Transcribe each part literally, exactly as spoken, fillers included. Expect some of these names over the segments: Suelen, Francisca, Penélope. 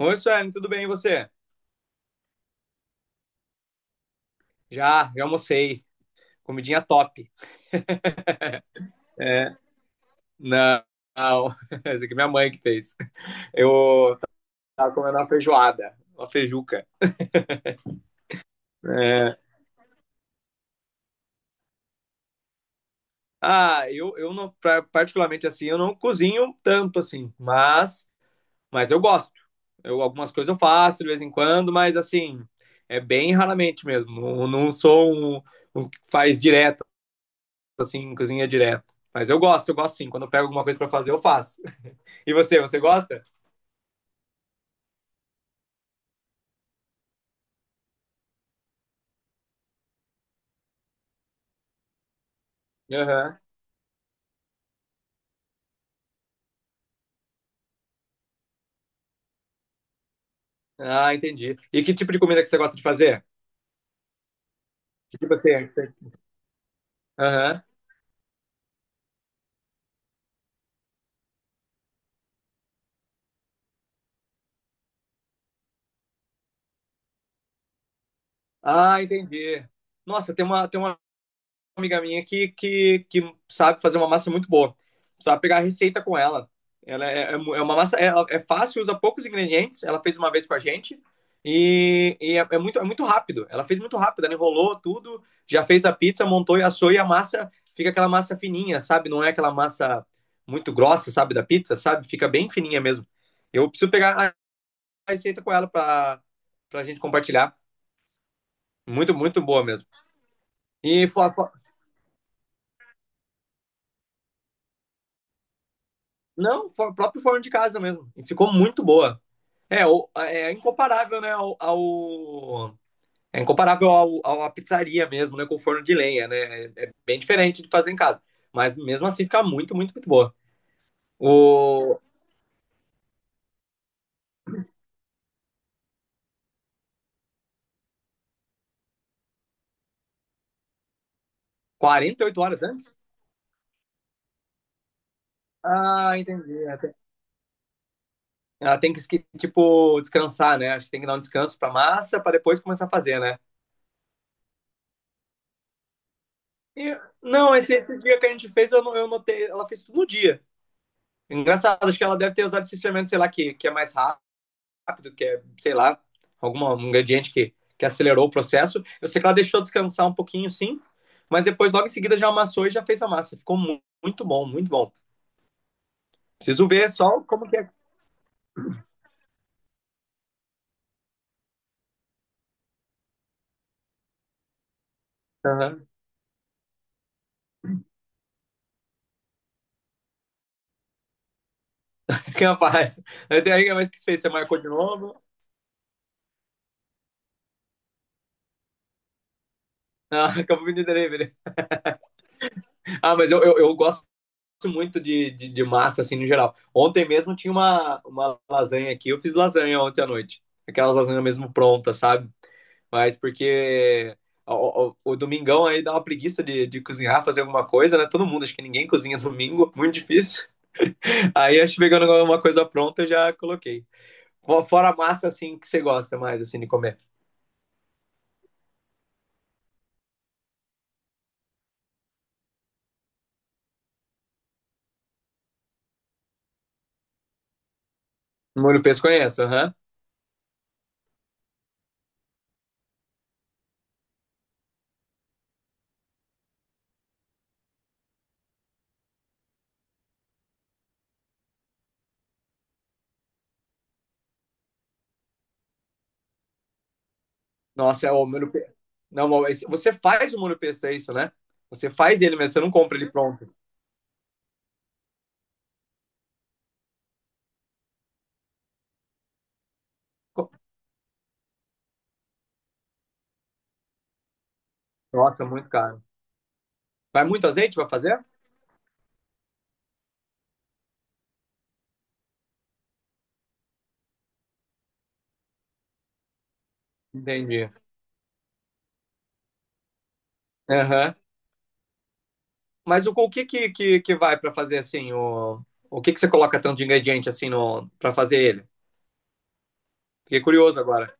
Oi, Suelen, tudo bem e você? Já, já almocei. Comidinha top. É, não, não. Essa aqui é minha mãe que fez. Eu tava comendo uma feijoada, uma feijuca. É. Ah, eu, eu não, pra- particularmente assim, eu não cozinho tanto assim, mas, mas eu gosto. Eu, algumas coisas eu faço de vez em quando, mas assim, é bem raramente mesmo. Não, não sou um, um que faz direto. Assim, cozinha direto. Mas eu gosto, eu gosto sim. Quando eu pego alguma coisa pra fazer, eu faço. E você, você gosta? Aham. Ah, entendi. E que tipo de comida que você gosta de fazer? Que tipo assim, é que você... Aham. Ah, entendi. Nossa, tem uma, tem uma amiga minha que, que, que sabe fazer uma massa muito boa. Sabe pegar a receita com ela. Ela é, é é uma massa, é, é fácil, usa poucos ingredientes. Ela fez uma vez com a gente e, e é, é muito, é muito rápido. Ela fez muito rápido, ela enrolou tudo, já fez a pizza, montou e assou, e a massa fica aquela massa fininha, sabe? Não é aquela massa muito grossa, sabe, da pizza, sabe? Fica bem fininha mesmo. Eu preciso pegar a receita com ela para para a gente compartilhar. Muito, muito boa mesmo. E Flá, Não, for, próprio forno de casa mesmo. E ficou muito boa. É, o- é incomparável, né. ao, ao- É incomparável ao, ao- à pizzaria mesmo, né, com forno de lenha, né? É, é bem diferente de fazer em casa. Mas mesmo assim fica muito, muito, muito boa. O Quarenta e oito horas antes? Ah, entendi. Ela tem ela tem que, esque- tipo, descansar, né? Acho que tem que dar um descanso pra massa pra depois começar a fazer, né? E- não, esse, esse dia que a gente fez, eu, não- eu notei, ela fez tudo no dia. Engraçado, acho que ela deve ter usado esse fermento, sei lá, que, que é mais rápido rápido, que é, sei lá, algum um ingrediente que, que acelerou o processo. Eu sei que ela deixou descansar um pouquinho, sim, mas depois, logo em seguida, já amassou e já fez a massa. Ficou mu- muito bom, muito bom. Preciso ver só como que é. Aham. Que rapaz. Daí, mas que fez? Você marcou de novo? Ah, acabou de delivery. Ah, mas eu, eu, eu gosto muito de, de, de massa, assim, no geral. Ontem mesmo tinha uma, uma lasanha aqui. Eu fiz lasanha ontem à noite. Aquelas lasanhas mesmo prontas, sabe? Mas porque o, o- o domingão aí dá uma preguiça de, de cozinhar, fazer alguma coisa, né? Todo mundo, acho que ninguém cozinha domingo, muito difícil. Aí acho que pegando uma coisa pronta, eu já coloquei. Fora a massa, assim, que você gosta mais, assim, de comer. Molho pesto conheço, aham. Nossa, é o molho pesto. Não, mas você faz o molho pesto, é isso, né? Você faz ele mesmo, você não compra ele pronto. Co- Nossa, é muito caro. Vai muito azeite pra fazer? Entendi. Aham. Mas o, o que, que, que, que vai para fazer assim? O, o que, que você coloca tanto de ingrediente assim no, para fazer ele? Fiquei curioso agora.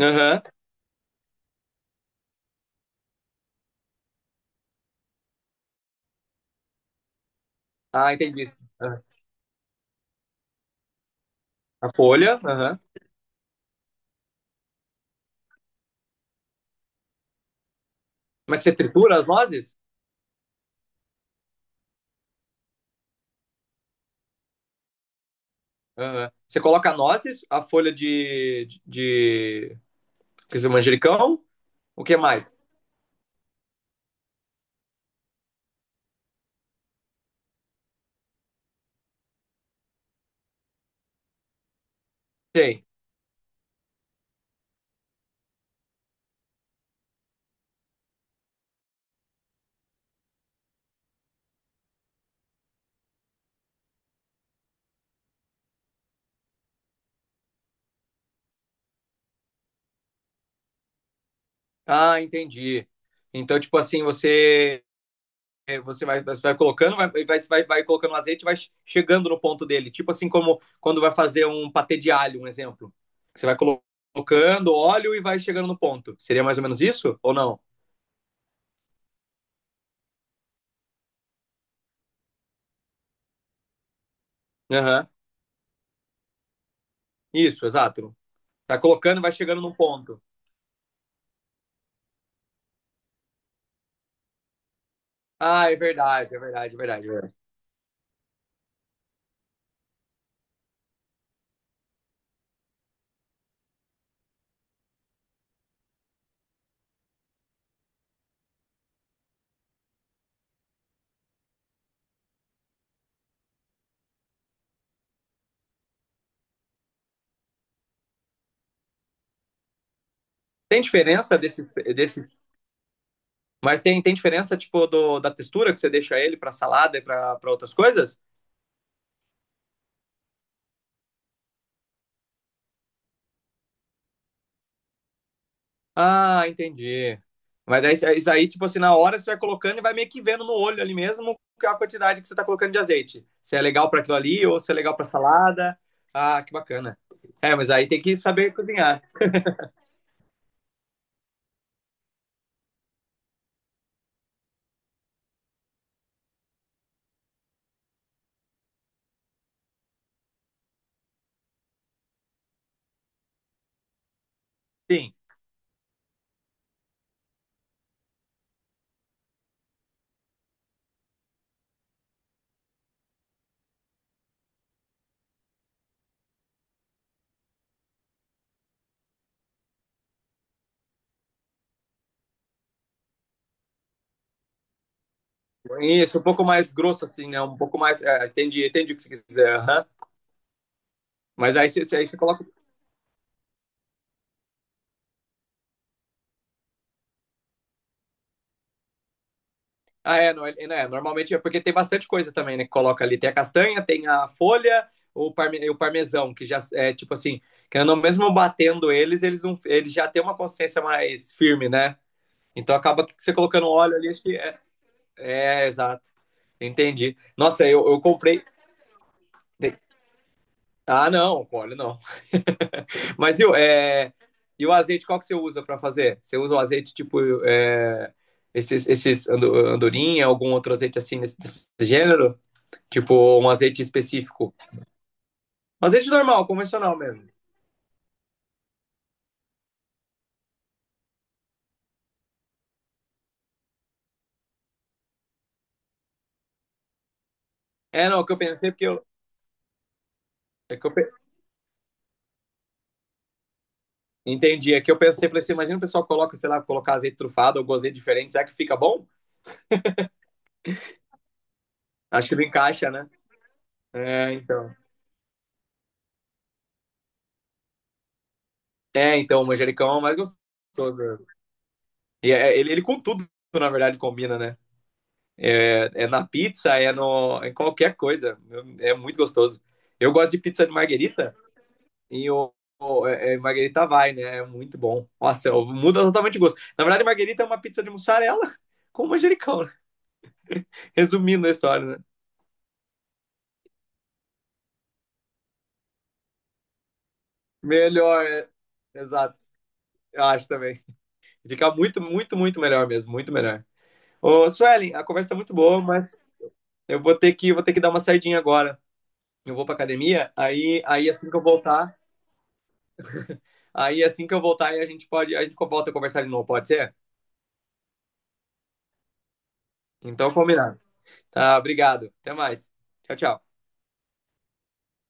Aham. Ah, entendi. Aham. A folha. Aham. Mas você tritura as nozes? Aham. Você coloca nozes, a folha, de, de, de... quer dizer, manjericão? O que mais? Tem. Ah, entendi. Então, tipo assim, você É, você vai, você vai colocando, vai, vai, vai colocando o azeite e vai chegando no ponto dele. Tipo assim, como quando vai fazer um patê de alho, um exemplo. Você vai colocando óleo e vai chegando no ponto. Seria mais ou menos isso? Ou não? Aham. Isso, exato. Vai colocando e vai chegando no ponto. Ah, é verdade, é verdade, é verdade, é verdade. Tem diferença desses, desses, mas tem, tem diferença tipo do, da textura que você deixa ele para salada e para outras coisas? Ah, entendi. Mas daí, isso isso aí, tipo assim, na hora você vai colocando e vai meio que vendo no olho ali mesmo a quantidade que você tá colocando de azeite. Se é legal para aquilo ali ou se é legal para salada. Ah, que bacana. É, mas aí tem que saber cozinhar. Sim. Isso, um pouco mais grosso assim, né? Um pouco mais. É, entendi, entendi o que você quiser. Aham. Mas aí, você- aí você coloca. Ah, é, não, é, não, é, normalmente é porque tem bastante coisa também, né? Que coloca ali. Tem a castanha, tem a folha, o, parme, e o parmesão, que já é tipo assim, querendo ou não, mesmo batendo eles, eles, não, eles já têm uma consistência mais firme, né? Então acaba que você colocando óleo ali, acho que é. É, exato. Entendi. Nossa, eu, eu comprei. Ah, não, com óleo não. Mas viu, é, e o azeite, qual que você usa para fazer? Você usa o azeite tipo é, esses, esses ando- andorinha, algum outro azeite assim nesse, desse gênero? Tipo, um azeite específico. Um azeite normal, convencional mesmo. É, não, é o que eu pensei, porque eu. É que eu pe- entendi, é que eu pensei, falei assim, imagina o pessoal coloca, sei lá, colocar azeite trufado ou azeite diferente, será que fica bom? Acho que não encaixa, né? É, então. É, então, o manjericão é o mais gostoso. E é- ele, ele com tudo, na verdade, combina, né? É, é na pizza, é no, em qualquer coisa. É muito gostoso. Eu gosto de pizza de marguerita. E o, o- é- é Marguerita vai, né? É muito bom. Nossa, eu- muda totalmente o gosto. Na verdade, Marguerita é uma pizza de mussarela com manjericão, né? Resumindo a história, né? Melhor, é. Exato. Eu acho também. Fica muito, muito, muito melhor mesmo. Muito melhor. Ô, Suelen, a conversa tá muito boa, mas eu vou ter que, vou ter que dar uma saidinha agora. Eu vou pra academia, aí, aí assim que eu voltar, aí assim que eu voltar, aí a gente pode, a gente volta a conversar de novo, pode ser? Então, combinado. Tá, obrigado. Até mais. Tchau, tchau.